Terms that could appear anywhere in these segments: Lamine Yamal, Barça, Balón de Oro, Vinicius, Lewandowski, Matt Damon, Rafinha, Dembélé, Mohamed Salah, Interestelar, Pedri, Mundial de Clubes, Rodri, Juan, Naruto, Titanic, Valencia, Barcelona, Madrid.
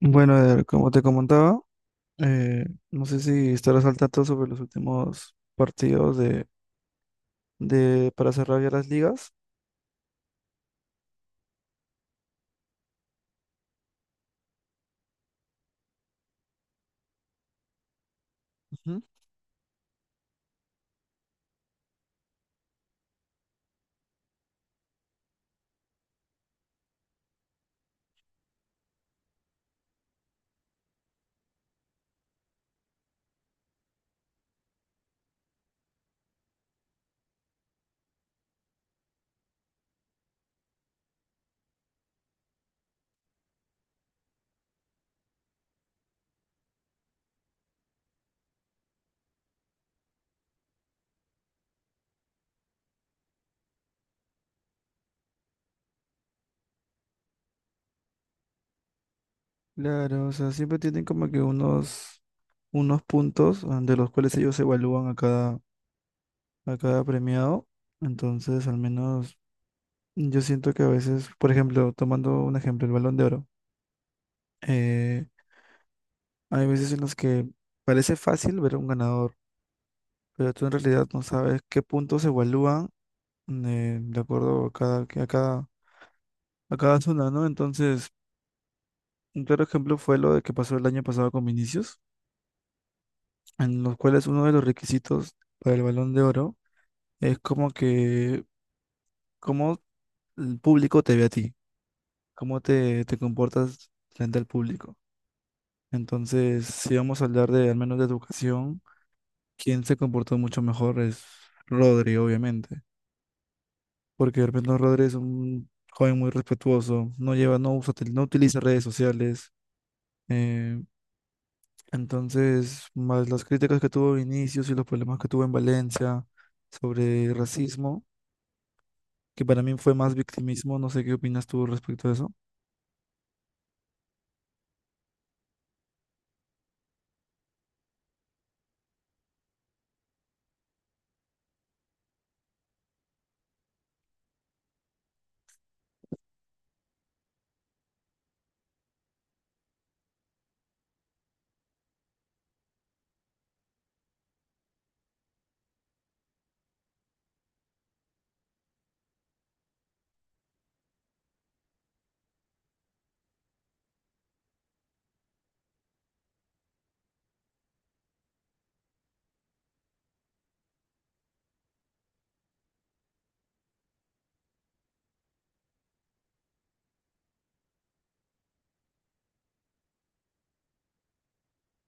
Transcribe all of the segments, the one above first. Bueno, Eder, como te comentaba, no sé si estarás al tanto sobre los últimos partidos de para cerrar ya las ligas. Ujú. Claro, o sea, siempre tienen como que unos, unos puntos de los cuales ellos evalúan a cada premiado. Entonces, al menos yo siento que a veces, por ejemplo, tomando un ejemplo, el Balón de Oro, eh, hay veces en las que parece fácil ver a un ganador, pero tú en realidad no sabes qué puntos evalúan de acuerdo a cada, a cada, a cada zona, ¿no? Entonces, un claro ejemplo fue lo de que pasó el año pasado con Vinicius, en los cuales uno de los requisitos para el Balón de Oro es como que, cómo el público te ve a ti, cómo te, te comportas frente al público. Entonces, si vamos a hablar de, al menos de educación, quien se comportó mucho mejor es Rodri, obviamente, porque de repente Rodri es un joven muy respetuoso, no lleva, no usa, no utiliza redes sociales, eh, entonces, más las críticas que tuvo Vinicius y los problemas que tuvo en Valencia sobre racismo, que para mí fue más victimismo, no sé qué opinas tú respecto a eso.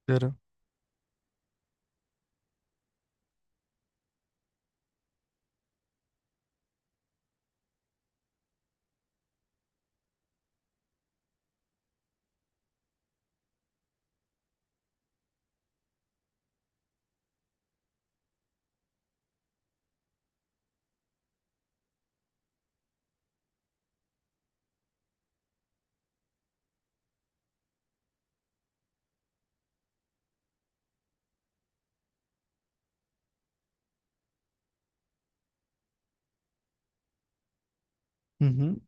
Claro, ujú,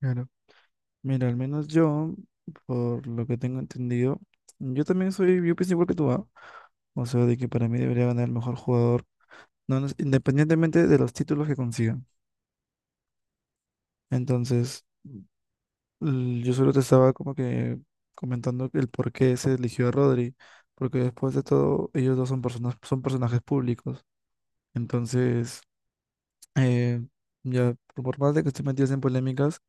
claro. Mira, al menos yo, por lo que tengo entendido, yo también soy, yo pienso igual que tú, ¿ah? O sea, de que para mí debería ganar el mejor jugador, no, independientemente de los títulos que consigan. Entonces, yo solo te estaba como que comentando el por qué se eligió a Rodri, porque después de todo, ellos dos son personas, son personajes públicos. Entonces, eh, ya, por más de que estén metidos en polémicas,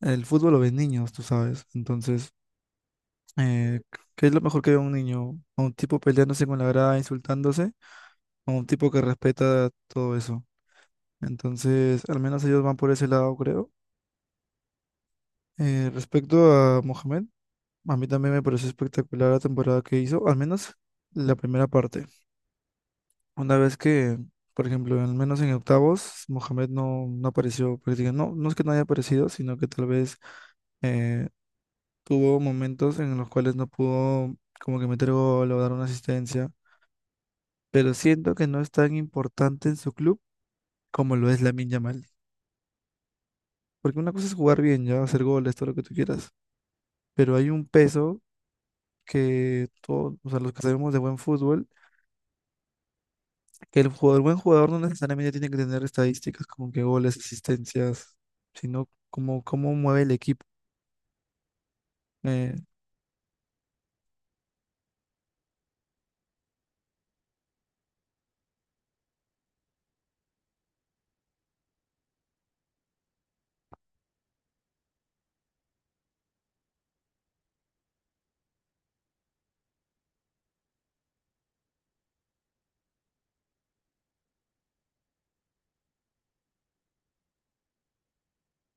el fútbol lo ven niños, tú sabes. Entonces, eh, ¿qué es lo mejor que ve un niño? ¿A un tipo peleándose con la grada, insultándose? ¿O a un tipo que respeta todo eso? Entonces, al menos ellos van por ese lado, creo. Respecto a Mohamed. A mí también me pareció espectacular la temporada que hizo, al menos la primera parte. Una vez que, por ejemplo, al menos en octavos, Mohamed no, no apareció, prácticamente. No, no es que no haya aparecido, sino que tal vez eh, tuvo momentos en los cuales no pudo como que meter gol o dar una asistencia. Pero siento que no es tan importante en su club como lo es Lamine Yamal. Porque una cosa es jugar bien, ya, hacer goles, todo lo que tú quieras. Pero hay un peso que todos, o sea, los que sabemos de buen fútbol, que el jugador, buen jugador no necesariamente tiene que tener estadísticas como que goles, asistencias, sino como cómo mueve el equipo. Eh,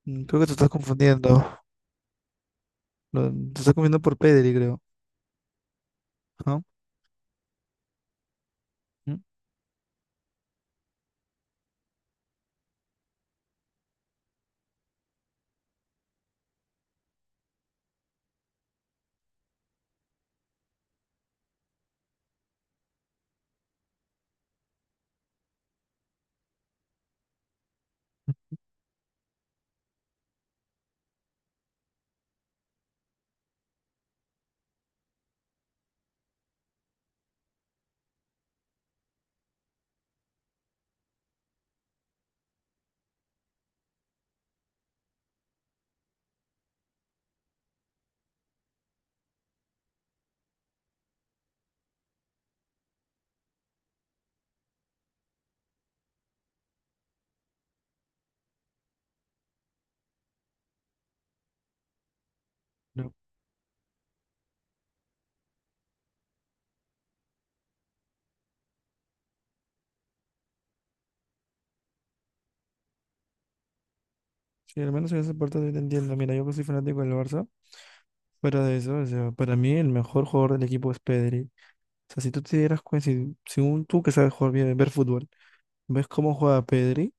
creo que te estás confundiendo. Te estás confundiendo por Pedri, creo. ¿No? ¿Mm? Creo. Sí, al menos en esa parte yo te entiendo. Mira, yo que soy fanático del Barça, fuera de eso, o sea, para mí el mejor jugador del equipo es Pedri. O sea, si tú te dieras cuenta, si, según tú que sabes jugar bien, ver fútbol, ves cómo juega Pedri,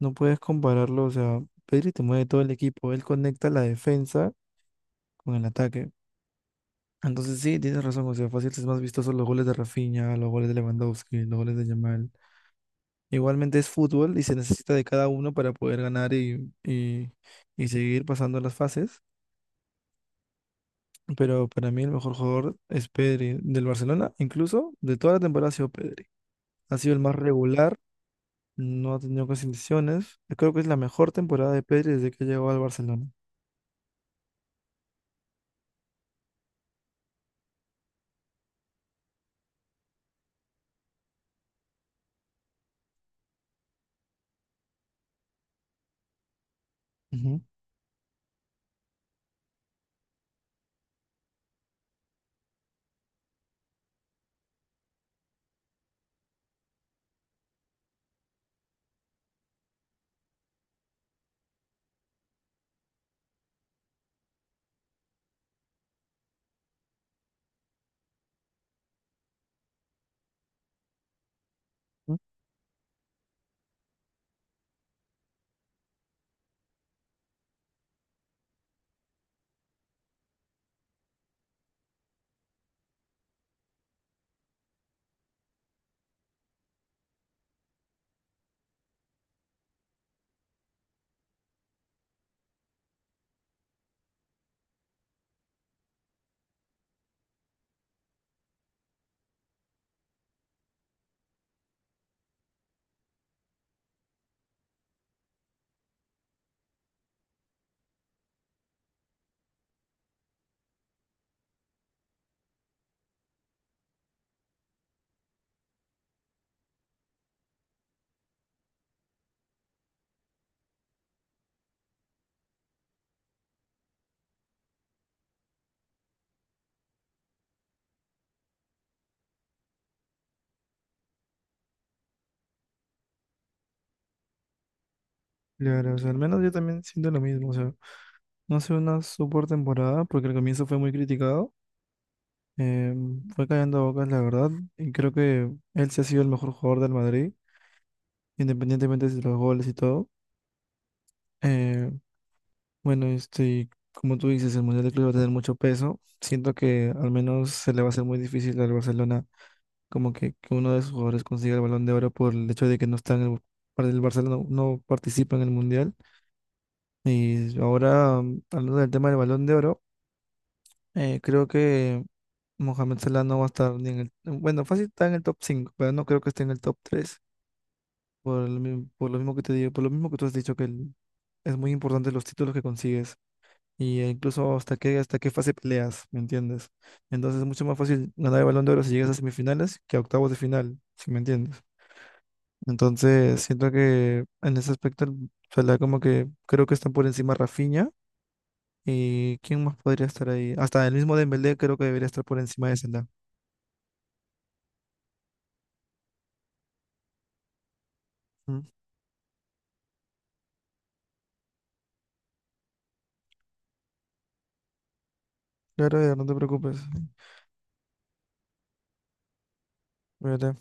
no puedes compararlo. O sea, Pedri te mueve todo el equipo, él conecta la defensa con el ataque. Entonces sí, tienes razón, o sea, fácil es más vistoso los goles de Rafinha, los goles de Lewandowski, los goles de Yamal. Igualmente es fútbol y se necesita de cada uno para poder ganar y seguir pasando las fases. Pero para mí el mejor jugador es Pedri del Barcelona, incluso de toda la temporada ha sido Pedri. Ha sido el más regular, no ha tenido casi lesiones. Yo creo que es la mejor temporada de Pedri desde que llegó al Barcelona. Ujú. Ujú. Claro, o sea, al menos yo también siento lo mismo, o sea, no ha sido una super temporada porque al comienzo fue muy criticado. Eh, fue cayendo a bocas, la verdad, y creo que él se ha sido el mejor jugador del Madrid, independientemente de los goles y todo. Eh, bueno, este, y como tú dices, el Mundial de Clubes va a tener mucho peso. Siento que al menos se le va a hacer muy difícil al Barcelona, como que uno de sus jugadores consiga el Balón de Oro por el hecho de que no está en el, para el Barcelona no, participa en el Mundial. Y ahora, hablando del tema del Balón de Oro. Creo que Mohamed Salah no va a estar ni en el... Bueno, fácil está en el top 5, pero no creo que esté en el top tres. Por lo, por lo mismo que te digo, por lo mismo que tú has dicho que es muy importante los títulos que consigues y incluso hasta qué fase peleas, ¿me entiendes? Entonces es mucho más fácil ganar el Balón de Oro si llegas a semifinales que a octavos de final, si me entiendes. Entonces siento que en ese aspecto el Salah como que creo que están por encima Rafinha, y ¿quién más podría estar ahí? Hasta el mismo Dembélé creo que debería estar por encima de Salah. Mm. Claro, ya no te preocupes. Cuídate.